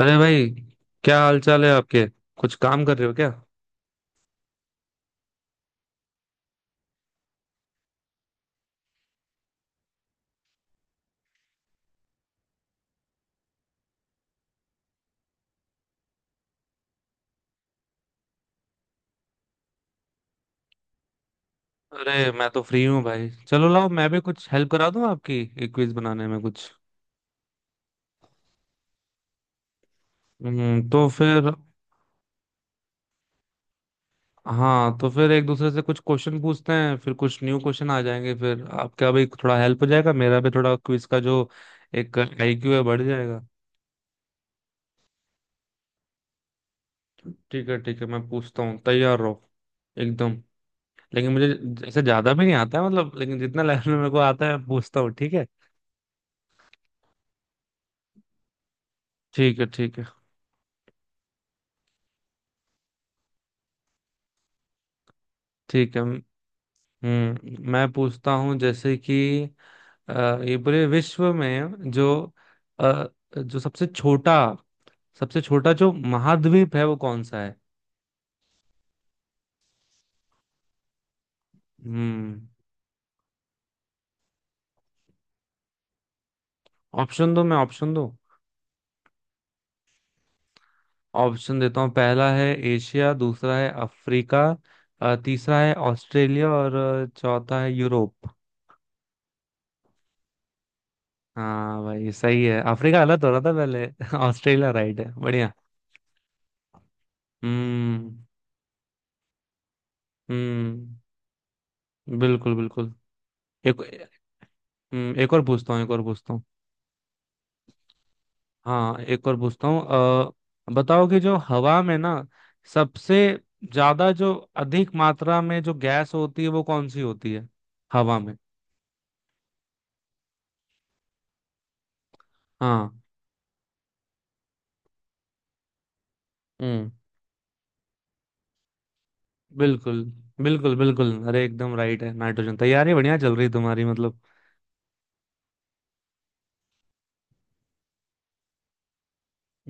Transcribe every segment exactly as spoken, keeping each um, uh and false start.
अरे भाई, क्या हाल चाल है आपके? कुछ काम कर रहे हो क्या? अरे मैं तो फ्री हूँ भाई। चलो लाओ, मैं भी कुछ हेल्प करा दूँ आपकी, एक क्विज बनाने में कुछ। हम्म तो फिर। हाँ, तो फिर एक दूसरे से कुछ क्वेश्चन पूछते हैं, फिर कुछ न्यू क्वेश्चन आ जाएंगे, फिर आपका भी थोड़ा हेल्प हो जाएगा, मेरा भी थोड़ा क्विज का जो एक आईक्यू है बढ़ जाएगा। ठीक है, ठीक है, मैं पूछता हूँ, तैयार रहो एकदम। लेकिन मुझे ऐसे ज्यादा भी नहीं आता है मतलब, लेकिन जितना लेवल में मेरे को आता है मैं पूछता हूँ, ठीक है, ठीक है, ठीक है, ठीक है। हम्म मैं पूछता हूँ, जैसे कि अ, ये पूरे विश्व में जो अ, जो सबसे छोटा, सबसे छोटा जो महाद्वीप है वो कौन सा है? हम्म ऑप्शन दो मैं, ऑप्शन दो। ऑप्शन देता हूँ, पहला है एशिया, दूसरा है अफ्रीका, अ, तीसरा है ऑस्ट्रेलिया, और अ, चौथा है यूरोप। हाँ भाई, सही है। अफ्रीका गलत हो रहा था पहले। ऑस्ट्रेलिया राइट है, बढ़िया। हम्म, हम्म, बिल्कुल, बिल्कुल। एक, हम्म, एक और पूछता हूँ, एक और पूछता हूँ। हाँ, एक और पूछता हूँ। अ, बताओ कि जो हवा में ना, सबसे ज्यादा, जो अधिक मात्रा में जो गैस होती है वो कौन सी होती है, हवा में? हाँ। हम्म, बिल्कुल, बिल्कुल, बिल्कुल। अरे एकदम राइट है, नाइट्रोजन। तैयारी बढ़िया चल रही तुम्हारी, मतलब।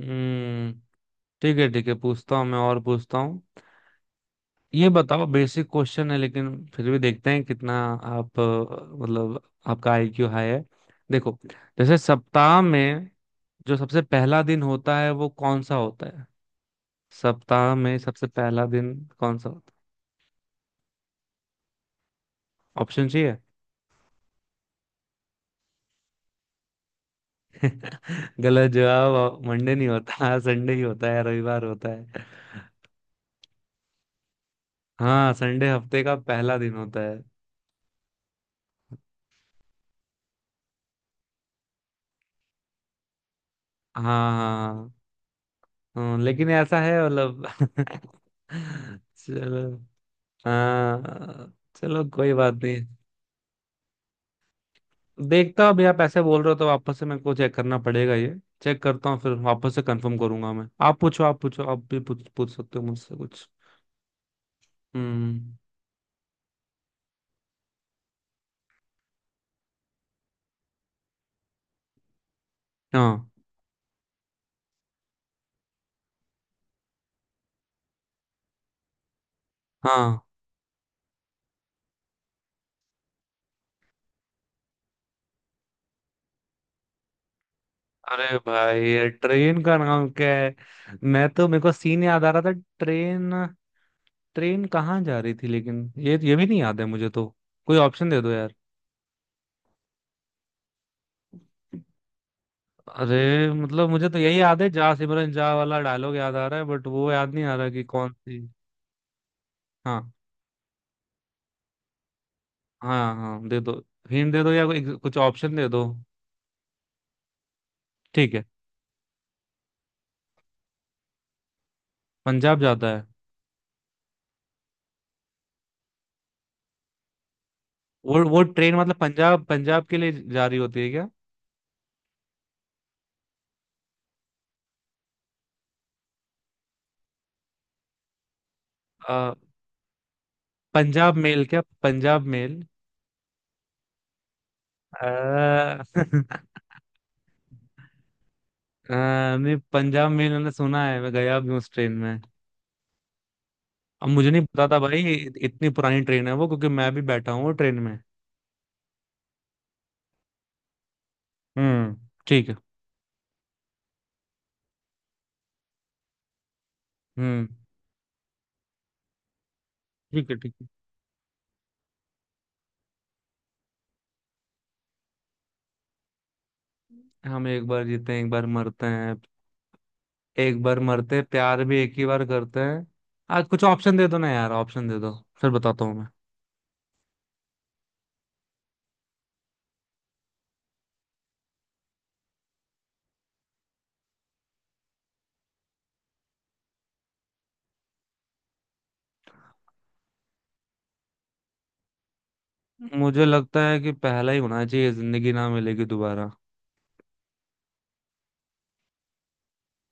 हम्म ठीक है, ठीक है, पूछता हूँ मैं, और पूछता हूँ। ये बताओ, बेसिक क्वेश्चन है लेकिन फिर भी देखते हैं कितना आप अ, मतलब आपका आईक्यू हाई है। देखो, जैसे सप्ताह में जो सबसे पहला दिन होता है वो कौन सा होता है? सप्ताह में सबसे पहला दिन कौन सा होता है? ऑप्शन चाहिए? गलत जवाब। मंडे नहीं होता, हाँ, संडे ही होता है, रविवार होता है। हाँ, संडे हफ्ते का पहला दिन होता है। हाँ, हाँ, हाँ, हाँ, लेकिन ऐसा है मतलब, चलो। हाँ, चलो कोई बात नहीं। देखता हूँ, अभी आप ऐसे बोल रहे हो तो वापस से मेरे को चेक करना पड़ेगा ये। चेक करता हूँ, फिर वापस से कंफर्म करूंगा मैं। आप पूछो, आप पूछो, आप भी पूछ पूछ सकते हो मुझसे कुछ। हम्म, हाँ, हाँ। अरे भाई, ये ट्रेन का नाम क्या है? मैं तो, मेरे को सीन याद आ रहा था। ट्रेन ट्रेन कहाँ जा रही थी, लेकिन ये ये भी नहीं याद है मुझे तो। कोई ऑप्शन दे दो यार। अरे मतलब मुझे तो यही याद है, जा सिमरन जा वाला डायलॉग याद आ रहा है, बट वो याद नहीं आ रहा कि कौन सी। हाँ। हाँ, हाँ दे दो, हिंट दे दो या कोई- कुछ ऑप्शन दे दो। ठीक है। पंजाब जाता है वो वो ट्रेन मतलब पंजाब पंजाब के लिए जा रही होती है क्या? आ, पंजाब मेल? क्या पंजाब मेल? आ, आ, मैं पंजाब मेल मैंने सुना है, मैं गया भी हूँ उस ट्रेन में। अब मुझे नहीं पता था भाई, इत- इतनी पुरानी ट्रेन है वो, क्योंकि मैं भी बैठा हूँ वो ट्रेन में। हम्म ठीक है। हम्म ठीक है, ठीक है। हम एक बार जीते हैं, एक बार मरते हैं, एक बार मरते, प्यार भी एक ही बार करते हैं। आज कुछ ऑप्शन दे दो ना यार, ऑप्शन दे दो, फिर बताता हूँ मैं। मुझे लगता है कि पहला ही होना चाहिए, जिंदगी ना मिलेगी दोबारा।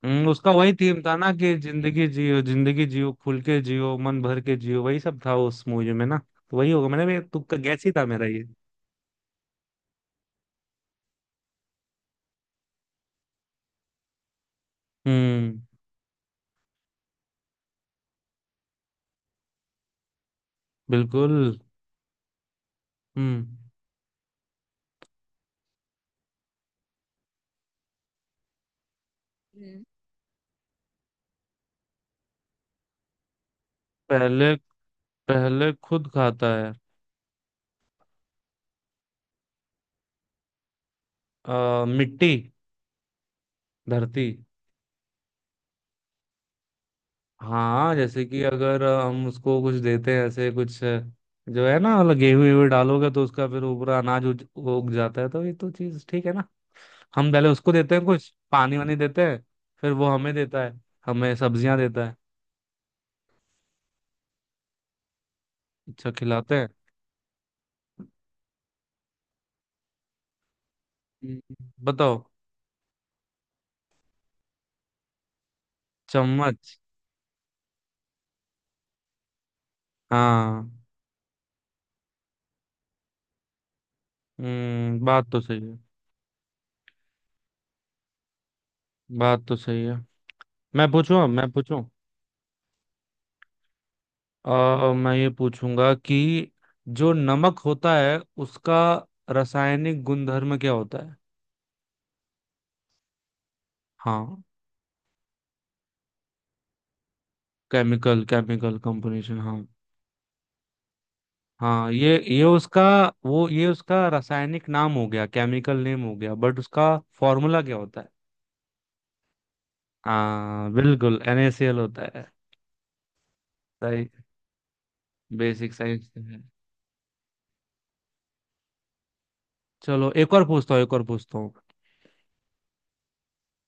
हम्म, उसका वही थीम था ना कि जिंदगी जियो, जिंदगी जियो, खुल के जियो, मन भर के जियो, वही सब था उस मूवी में ना। तो वही होगा, मैंने भी तुक्का, गैस ही था मेरा ये। हम्म, बिल्कुल, हम्म, हम्म। पहले पहले खुद खाता है। आ, मिट्टी, धरती। हाँ, जैसे कि अगर हम उसको कुछ देते हैं ऐसे कुछ, जो है ना मतलब, गेहूं वेहूं डालोगे तो उसका फिर ऊपर अनाज उग उग जाता है, तो ये तो चीज ठीक है ना। हम पहले उसको देते हैं कुछ पानी वानी देते हैं, फिर वो हमें देता है, हमें सब्जियां देता है। अच्छा, खिलाते हैं। हम्म, बताओ। चम्मच? हाँ, हम्म, बात तो सही है। बात तो सही है। मैं पूछूं, अब मैं पूछूं। अ मैं ये पूछूंगा कि जो नमक होता है उसका रासायनिक गुणधर्म क्या होता है? हाँ। केमिकल केमिकल कंपोजिशन, हाँ। हाँ, ये ये उसका, वो ये उसका रासायनिक नाम हो गया, केमिकल नेम हो गया, बट उसका फॉर्मूला क्या होता है? हाँ, बिल्कुल NaCl होता है। सही, बेसिक साइंस है। चलो, एक और पूछता हूँ, एक और पूछता हूँ।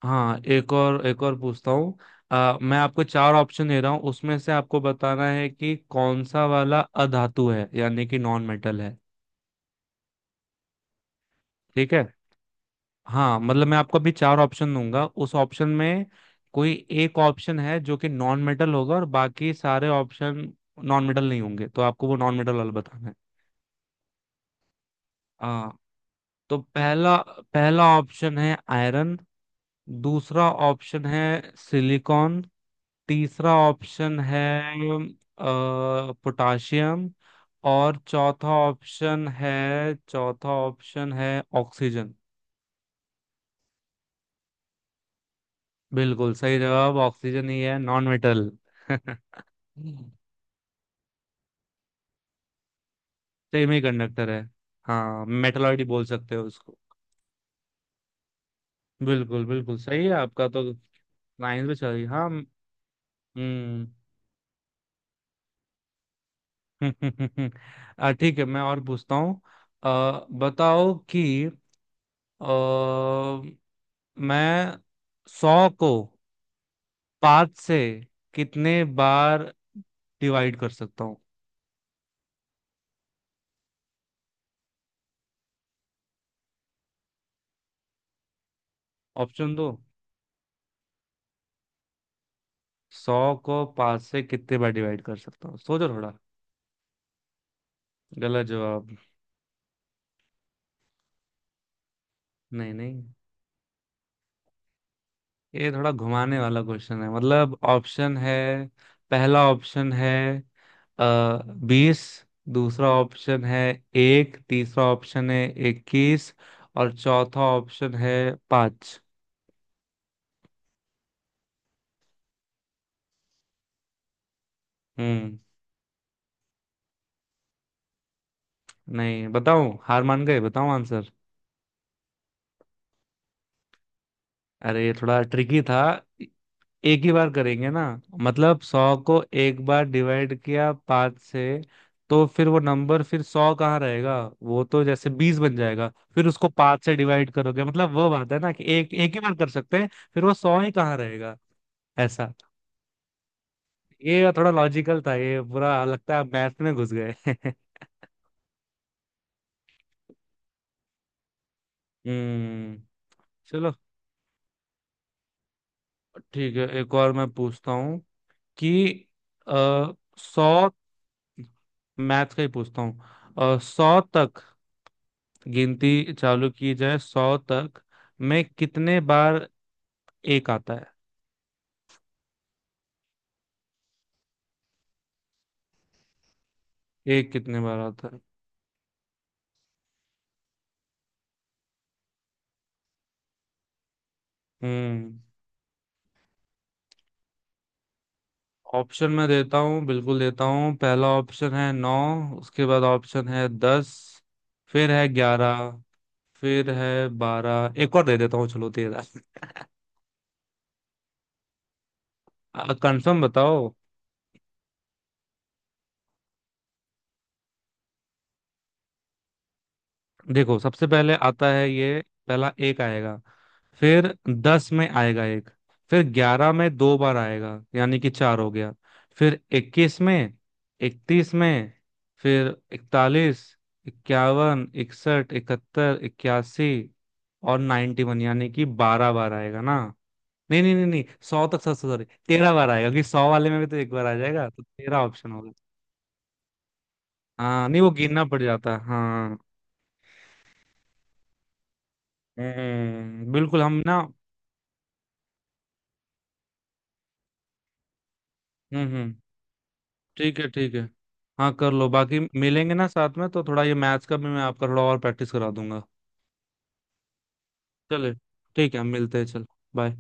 हाँ, एक और एक और पूछता हूँ। अ, मैं आपको चार ऑप्शन दे रहा हूँ, उसमें से आपको बताना है कि कौन सा वाला अधातु है, यानी कि नॉन मेटल है। ठीक है। हाँ मतलब, मैं आपको अभी चार ऑप्शन दूंगा, उस ऑप्शन में कोई एक ऑप्शन है जो कि नॉन मेटल होगा, और बाकी सारे ऑप्शन नॉन मेटल नहीं होंगे, तो आपको वो नॉन मेटल वाला बताना है। हाँ, तो पहला पहला ऑप्शन है आयरन, दूसरा ऑप्शन है सिलिकॉन, तीसरा ऑप्शन है पोटाशियम, और चौथा ऑप्शन है, चौथा ऑप्शन है ऑक्सीजन बिल्कुल सही जवाब, ऑक्सीजन ही है नॉन मेटल। सेमी कंडक्टर है। हाँ, मेटलॉइड बोल सकते हो उसको। बिल्कुल, बिल्कुल सही है आपका तो। साइंस भी सही, हाँ। हम्म। अ, ठीक है, मैं और पूछता हूँ। अ, बताओ कि अ, मैं सौ को पांच से कितने बार डिवाइड कर सकता हूँ? ऑप्शन दो। सौ को पांच से कितने बार डिवाइड कर सकता हूँ, सोचो थोड़ा। गलत जवाब। नहीं, नहीं, ये थोड़ा घुमाने वाला क्वेश्चन है मतलब, ऑप्शन है। पहला ऑप्शन है आ, बीस, दूसरा ऑप्शन है एक, तीसरा ऑप्शन है इक्कीस, और चौथा ऑप्शन है पाँच। हम्म, नहीं बताऊं? हार मान गए? बताऊं आंसर? अरे ये थोड़ा ट्रिकी था। एक ही बार करेंगे ना। मतलब सौ को एक बार डिवाइड किया पाँच से, तो फिर वो नंबर, फिर सौ कहाँ रहेगा? वो तो जैसे बीस बन जाएगा। फिर उसको पाँच से डिवाइड करोगे, मतलब वो बात है ना कि एक एक ही बार कर सकते हैं, फिर वो सौ ही कहाँ रहेगा। ऐसा। ये थोड़ा लॉजिकल था। ये बुरा लगता है आप मैथ में घुस गए। हम्म, चलो ठीक है, एक और मैं पूछता हूँ कि आ, सौ, मैथ का ही पूछता हूँ, सौ तक गिनती चालू की जाए, सौ तक में कितने बार एक आता है? एक कितने बार आता है? हम्म, ऑप्शन मैं देता हूँ, बिल्कुल देता हूँ। पहला ऑप्शन है नौ, उसके बाद ऑप्शन है दस, फिर है ग्यारह, फिर है बारह, एक और दे देता हूँ चलो, तेरह। कंफर्म बताओ। देखो, सबसे पहले आता है ये, पहला एक आएगा। फिर दस में आएगा एक, फिर ग्यारह में दो बार आएगा, यानी कि चार हो गया। फिर इक्कीस में, इकतीस में, फिर इकतालीस, इक्यावन, इकसठ, इकहत्तर, इक्यासी, और नाइन्टी वन, यानी कि बारह बार आएगा ना। नहीं, नहीं, नहीं, नहीं, सौ तक, सौ, सॉरी तेरह बार आएगा, क्योंकि सौ वाले में भी तो एक बार आ जाएगा, तो तेरह ऑप्शन होगा। हाँ, नहीं, वो गिनना पड़ जाता है, हाँ। हम्म, बिल्कुल, हम ना। हम्म, हम्म, ठीक है, ठीक है। हाँ, कर लो, बाकी मिलेंगे ना साथ में, तो थोड़ा ये मैथ्स का भी मैं आपका थोड़ा और प्रैक्टिस करा दूंगा। चले, ठीक है, हम मिलते हैं, चल, बाय।